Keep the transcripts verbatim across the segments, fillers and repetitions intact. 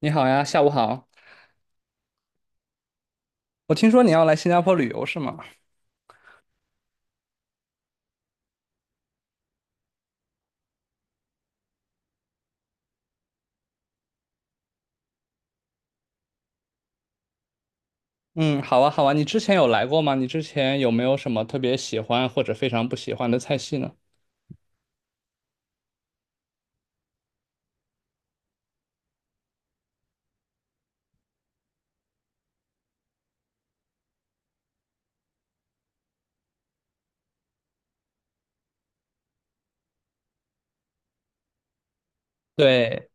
你好呀，下午好。我听说你要来新加坡旅游是吗？嗯，好啊，好啊。你之前有来过吗？你之前有没有什么特别喜欢或者非常不喜欢的菜系呢？对，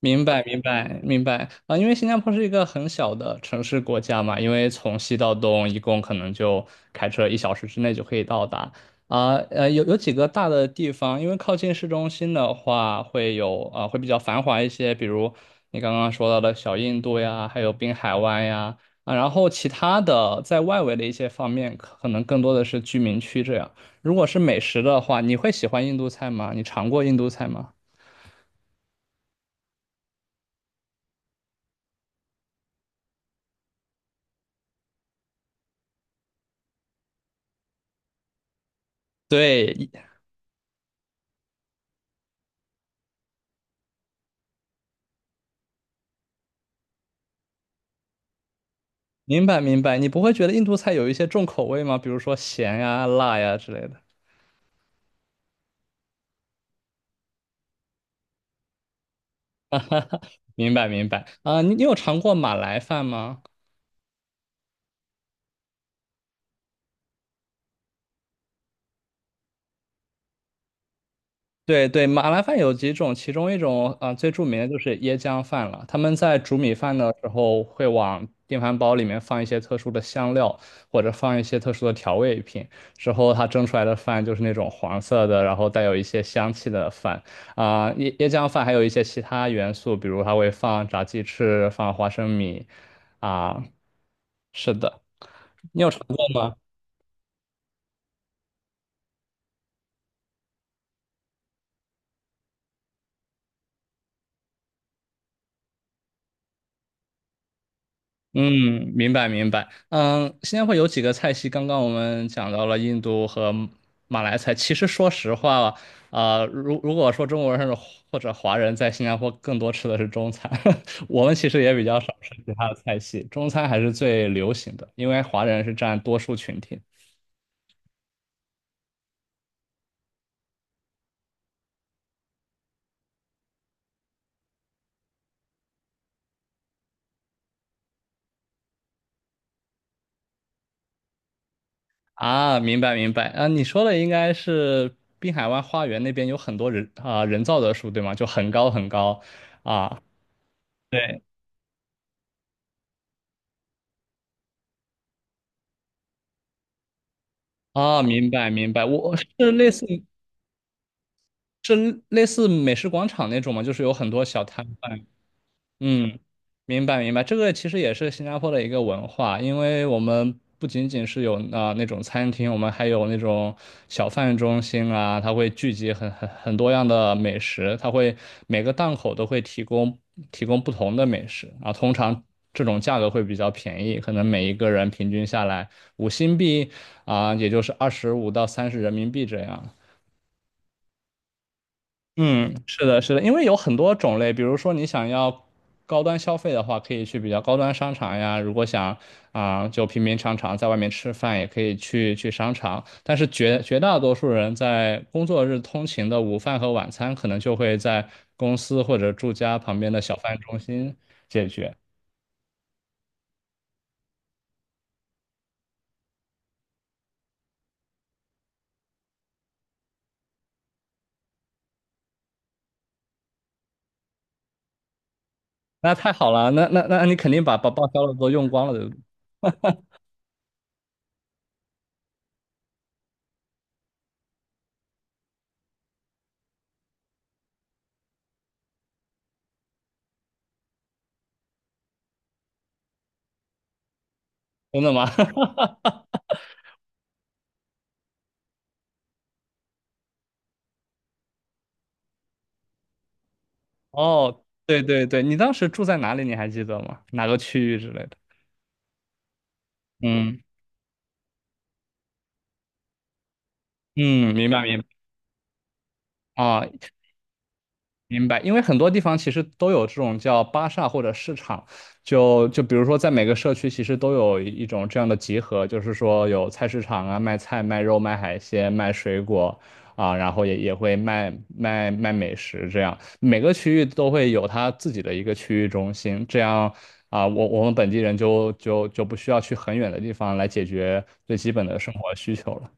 明白明白明白啊，因为新加坡是一个很小的城市国家嘛，因为从西到东一共可能就开车一小时之内就可以到达啊，呃，有有几个大的地方，因为靠近市中心的话会有啊，会比较繁华一些，比如你刚刚说到的小印度呀，还有滨海湾呀啊，然后其他的在外围的一些方面，可能更多的是居民区这样。如果是美食的话，你会喜欢印度菜吗？你尝过印度菜吗？对，明白明白，你不会觉得印度菜有一些重口味吗？比如说咸呀、辣呀之类的。明白明白。啊、你你有尝过马来饭吗？对对，马来饭有几种，其中一种啊、呃最著名的就是椰浆饭了。他们在煮米饭的时候，会往电饭煲里面放一些特殊的香料，或者放一些特殊的调味品。之后它蒸出来的饭就是那种黄色的，然后带有一些香气的饭啊、椰椰浆饭还有一些其他元素，比如它会放炸鸡翅，放花生米啊、是的，尿。有尝嗯，明白明白。嗯，新加坡有几个菜系，刚刚我们讲到了印度和马来菜。其实说实话，啊，呃如如果说中国人或者华人在新加坡更多吃的是中餐，我们其实也比较少吃其他的菜系，中餐还是最流行的，因为华人是占多数群体。啊，明白明白。啊，你说的应该是滨海湾花园那边有很多人啊、人造的树，对吗？就很高很高啊。对。啊，明白明白，我是类似。是类似美食广场那种吗？就是有很多小摊贩。嗯，明白明白，这个其实也是新加坡的一个文化，因为我们不仅仅是有啊、呃那种餐厅，我们还有那种小贩中心啊，它会聚集很很很多样的美食，它会每个档口都会提供提供不同的美食啊，通常这种价格会比较便宜，可能每一个人平均下来五新币啊、也就是二十五到三十人民币这样。嗯，是的，是的，因为有很多种类，比如说你想要高端消费的话，可以去比较高端商场呀；如果想啊、就平平常常在外面吃饭，也可以去去商场。但是绝绝大多数人在工作日通勤的午饭和晚餐，可能就会在公司或者住家旁边的小贩中心解决。那太好了，那那那你肯定把把报销的都用光了，对不对真的吗？哦，对对对，你当时住在哪里？你还记得吗？哪个区域之类的？嗯。嗯，明白明白啊，明白。因为很多地方其实都有这种叫巴萨或者市场，就就比如说在每个社区其实都有一一种这样的集合，就是说有菜市场啊，卖菜、卖肉、卖海鲜、卖水果啊，然后也也会卖卖卖美食这样。每个区域都会有它自己的一个区域中心，这样啊，我我们本地人就就就不需要去很远的地方来解决最基本的生活需求了。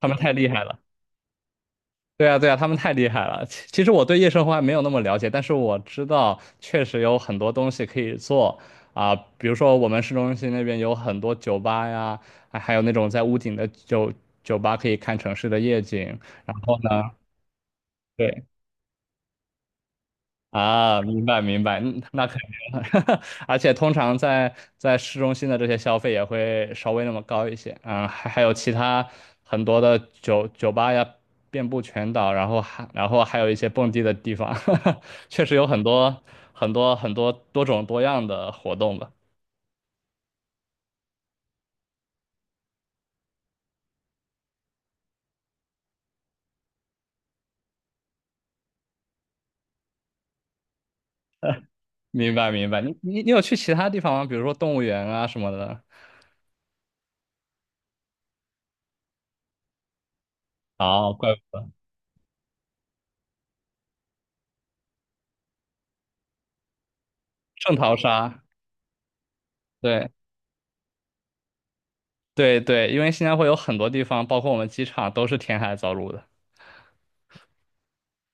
他们太厉害了。对啊，对啊，他们太厉害了。其其实我对夜生活还没有那么了解，但是我知道确实有很多东西可以做啊、比如说我们市中心那边有很多酒吧呀，还还有那种在屋顶的酒酒吧可以看城市的夜景。然后呢，对。啊，明白明白，嗯那肯定 而且通常在在市中心的这些消费也会稍微那么高一些，嗯，还还有其他很多的酒酒吧呀，遍布全岛，然后还然后还有一些蹦迪的地方，确实有很多很多很多多种多样的活动吧。明白明白，你你你有去其他地方吗？比如说动物园啊什么的。哦，怪不得圣淘沙，对对对，因为新加坡有很多地方，包括我们机场都是填海造陆的。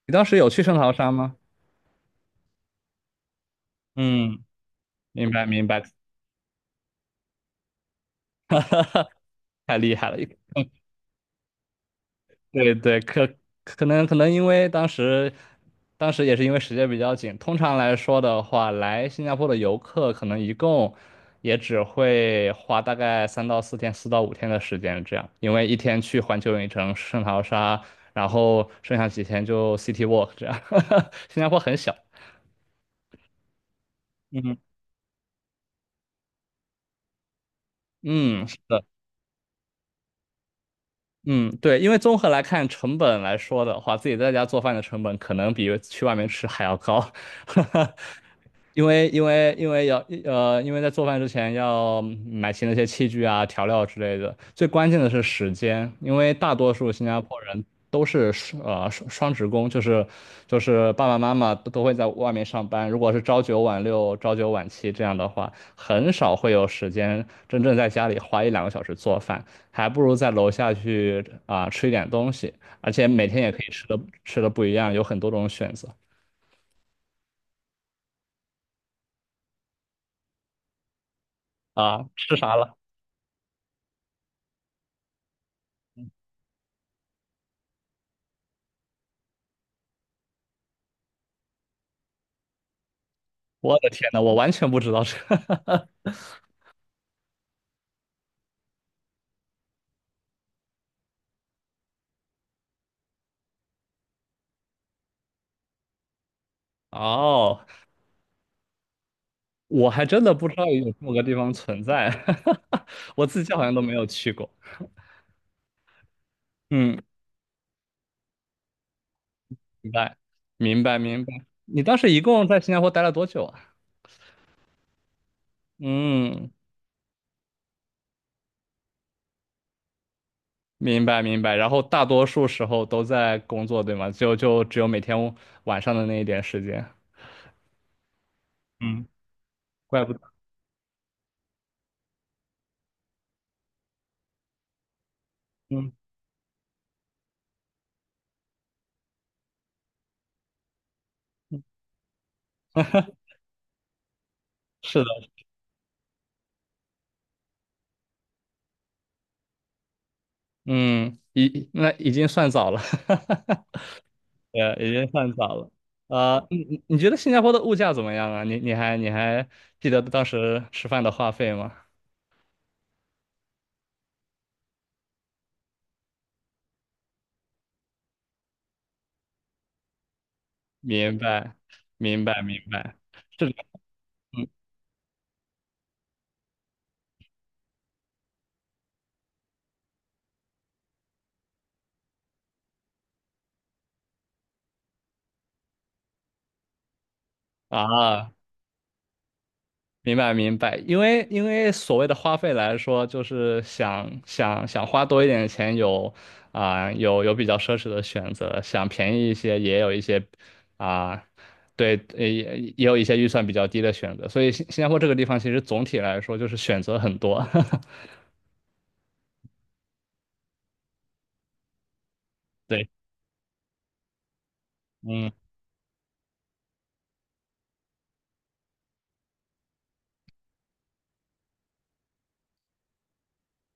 你当时有去圣淘沙吗？嗯，明白明白，太厉害了。对对，可可能可能因为当时，当时也是因为时间比较紧。通常来说的话，来新加坡的游客可能一共也只会花大概三到四天、四到五天的时间这样，因为一天去环球影城、圣淘沙，然后剩下几天就 City Walk 这样。新加坡很小，嗯，嗯，是的。嗯，对，因为综合来看，成本来说的话，自己在家做饭的成本可能比去外面吃还要高，因为因为因为要呃，因为在做饭之前要买齐那些器具啊、调料之类的。最关键的是时间，因为大多数新加坡人都是双呃双双职工，就是就是爸爸妈妈都都会在外面上班。如果是朝九晚六、朝九晚七这样的话，很少会有时间真正在家里花一两个小时做饭。还不如在楼下去啊、吃一点东西，而且每天也可以吃的吃的不一样，有很多种选择啊。吃啥了？我的天呐，我完全不知道这。哦，我还真的不知道有这么个地方存在，我自己好像都没有去过。嗯，明白，明白，明白。你当时一共在新加坡待了多久啊？嗯，明白明白。然后大多数时候都在工作，对吗？就就只有每天晚上的那一点时间。嗯，怪不得。嗯。是的，嗯，已那已经算早了，对啊，已经算早了。呃，你你你觉得新加坡的物价怎么样啊？你你还你还记得当时吃饭的话费吗？明白，明白，明白，这个，嗯啊，明白明白，因为因为所谓的花费来说，就是想想想花多一点的钱有，啊、有有比较奢侈的选择，想便宜一些也有一些，啊、对，呃也也有一些预算比较低的选择，所以新新加坡这个地方其实总体来说就是选择很多，对，嗯，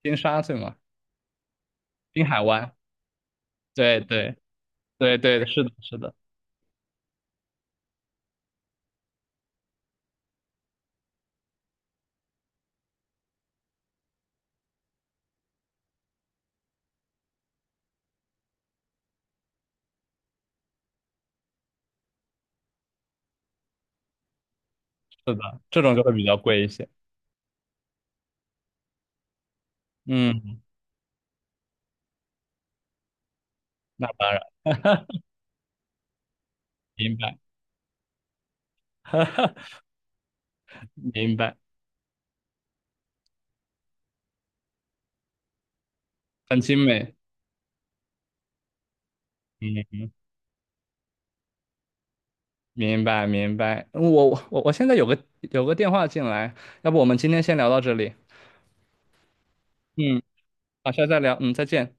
金沙对吗？滨海湾，对对对对，是的是的是的，这种就会比较贵一些，嗯，那当然，明白 明白，很精美。嗯，明白明白。嗯我我我现在有个有个电话进来，要不我们今天先聊到这里。嗯，好，下次再聊。嗯，再见。